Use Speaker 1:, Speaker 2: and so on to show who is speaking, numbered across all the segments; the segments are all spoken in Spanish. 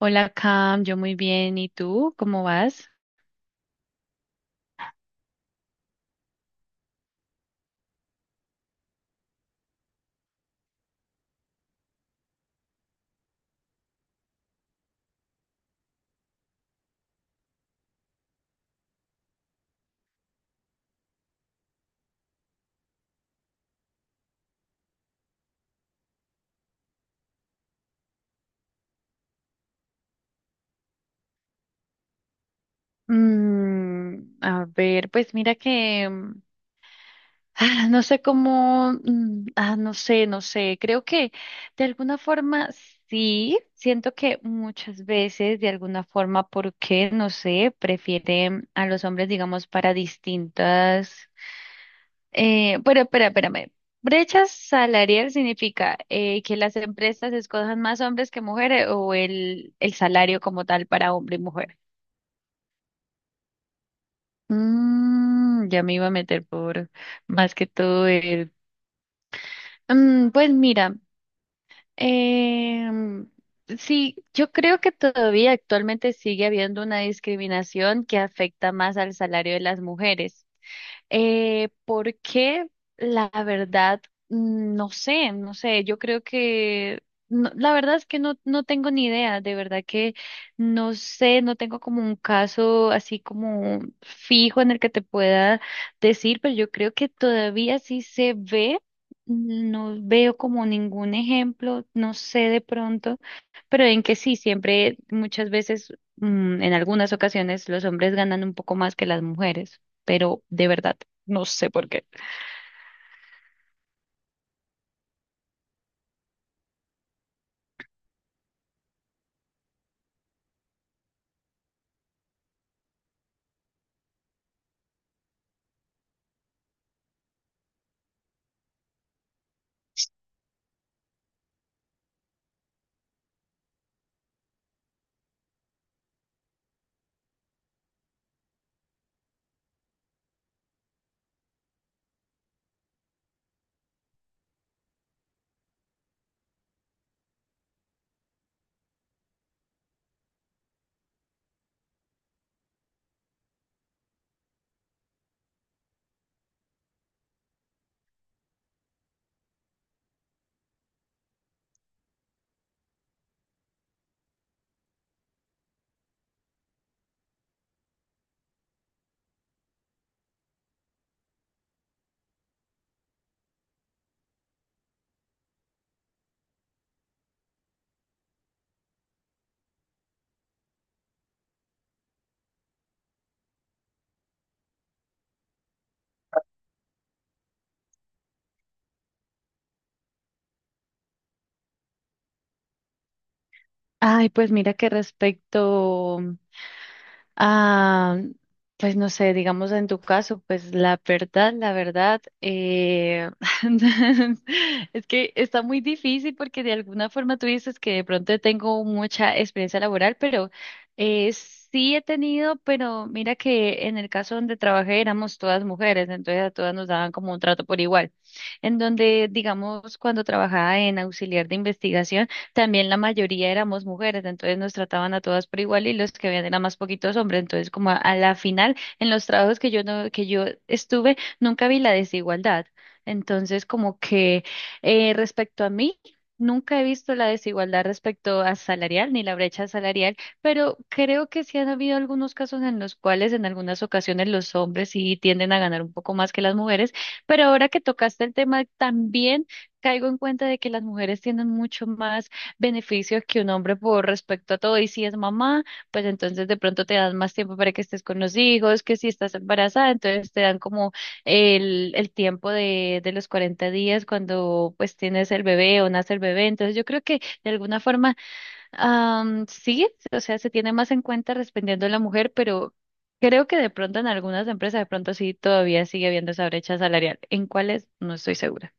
Speaker 1: Hola Cam, yo muy bien. ¿Y tú? ¿Cómo vas? A ver, pues mira que no sé cómo, no sé, no sé, creo que de alguna forma sí, siento que muchas veces de alguna forma, porque no sé, prefieren a los hombres, digamos, para distintas. Pero espera, espérame. Brecha salarial significa que las empresas escojan más hombres que mujeres o el salario como tal para hombre y mujer. Ya me iba a meter por más que todo el... Pues mira, em, sí, yo creo que todavía actualmente sigue habiendo una discriminación que afecta más al salario de las mujeres. Porque la verdad, no sé, no sé, yo creo que, la verdad es que no, no tengo ni idea, de verdad que no sé, no tengo como un caso así como fijo en el que te pueda decir, pero yo creo que todavía sí se ve, no veo como ningún ejemplo, no sé de pronto, pero en que sí, siempre, muchas veces, en algunas ocasiones los hombres ganan un poco más que las mujeres, pero de verdad no sé por qué. Ay, pues mira que respecto a, pues no sé, digamos en tu caso, pues la verdad, es que está muy difícil porque de alguna forma tú dices que de pronto tengo mucha experiencia laboral, pero sí he tenido, pero mira que en el caso donde trabajé éramos todas mujeres, entonces a todas nos daban como un trato por igual, en donde, digamos, cuando trabajaba en auxiliar de investigación, también la mayoría éramos mujeres, entonces nos trataban a todas por igual y los que habían eran más poquitos hombres, entonces como a la final en los trabajos que yo no, que yo estuve, nunca vi la desigualdad. Entonces como que respecto a mí, nunca he visto la desigualdad respecto a salarial ni la brecha salarial, pero creo que sí han habido algunos casos en los cuales en algunas ocasiones los hombres sí tienden a ganar un poco más que las mujeres, pero ahora que tocaste el tema también caigo en cuenta de que las mujeres tienen mucho más beneficios que un hombre por respecto a todo. Y si es mamá, pues entonces de pronto te dan más tiempo para que estés con los hijos, que si estás embarazada, entonces te dan como el tiempo de los 40 días cuando pues tienes el bebé o nace el bebé. Entonces yo creo que de alguna forma sí, o sea, se tiene más en cuenta respondiendo a la mujer, pero... Creo que de pronto en algunas empresas de pronto sí todavía sigue habiendo esa brecha salarial. ¿En cuáles? No estoy segura.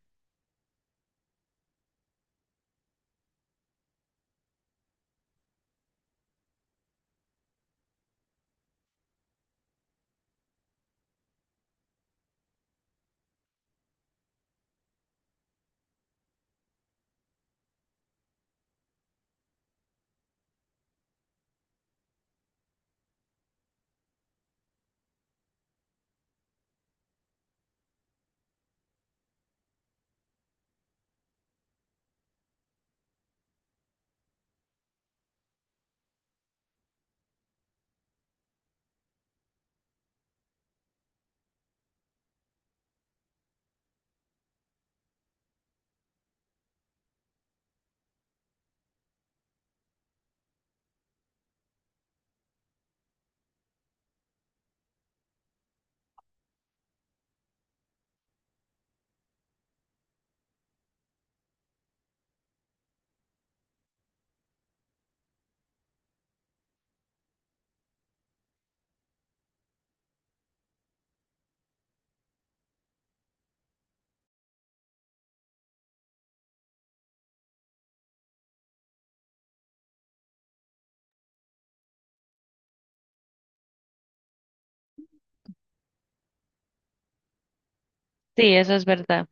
Speaker 1: Sí, eso es verdad.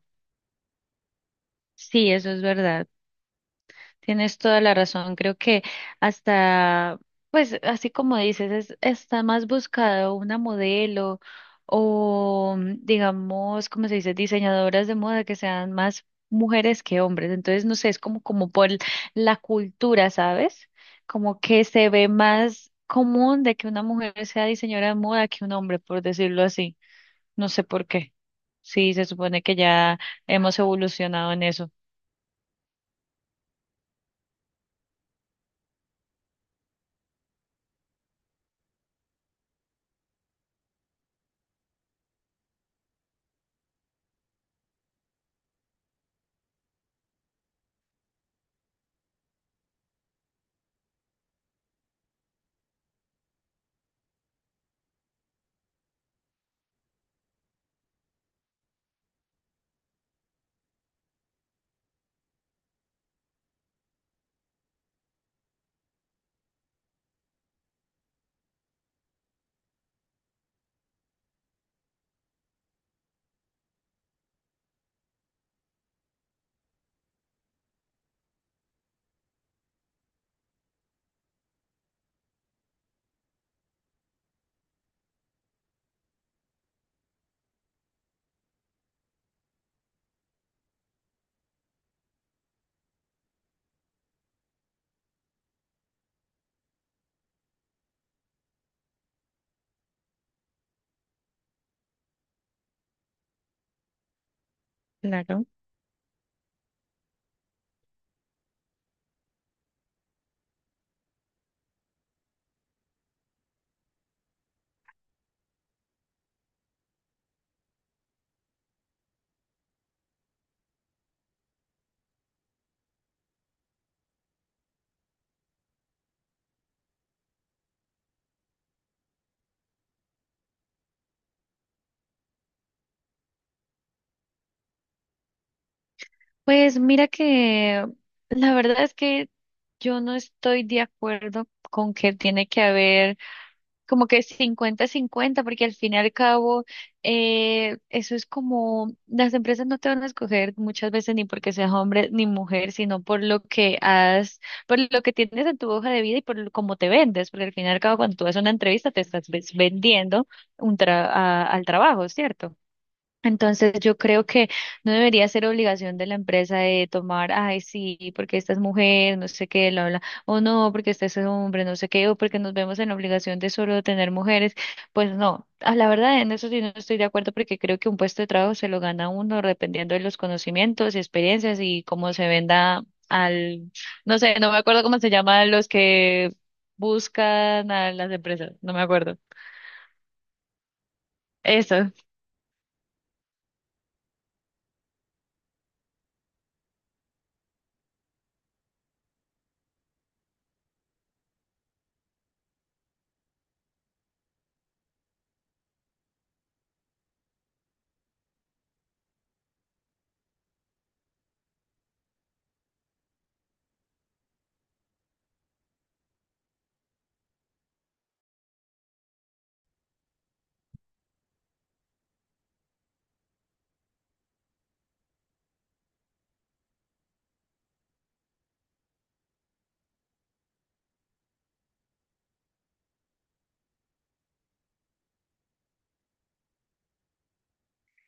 Speaker 1: Sí, eso es verdad. Tienes toda la razón. Creo que hasta, pues así como dices, está más buscado una modelo o, digamos, como se dice, diseñadoras de moda que sean más mujeres que hombres. Entonces, no sé, es como por la cultura, ¿sabes? Como que se ve más común de que una mujer sea diseñadora de moda que un hombre, por decirlo así. No sé por qué. Sí, se supone que ya hemos evolucionado en eso. Claro. Pues mira que la verdad es que yo no estoy de acuerdo con que tiene que haber como que cincuenta-cincuenta porque al fin y al cabo eso es como las empresas no te van a escoger muchas veces ni porque seas hombre ni mujer, sino por lo que has, por lo que tienes en tu hoja de vida y cómo te vendes, porque al fin y al cabo cuando tú haces una entrevista te estás vendiendo al trabajo, ¿cierto? Entonces yo creo que no debería ser obligación de la empresa de tomar, ay, sí, porque esta es mujer, no sé qué, bla, bla, o no, porque este es hombre, no sé qué, o porque nos vemos en la obligación de solo tener mujeres. Pues no, a la verdad en eso sí no estoy de acuerdo porque creo que un puesto de trabajo se lo gana uno dependiendo de los conocimientos y experiencias y cómo se venda al, no sé, no me acuerdo cómo se llaman los que buscan a las empresas, no me acuerdo. Eso,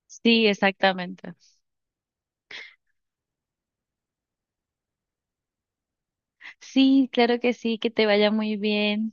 Speaker 1: sí, exactamente. Sí, claro que sí, que te vaya muy bien.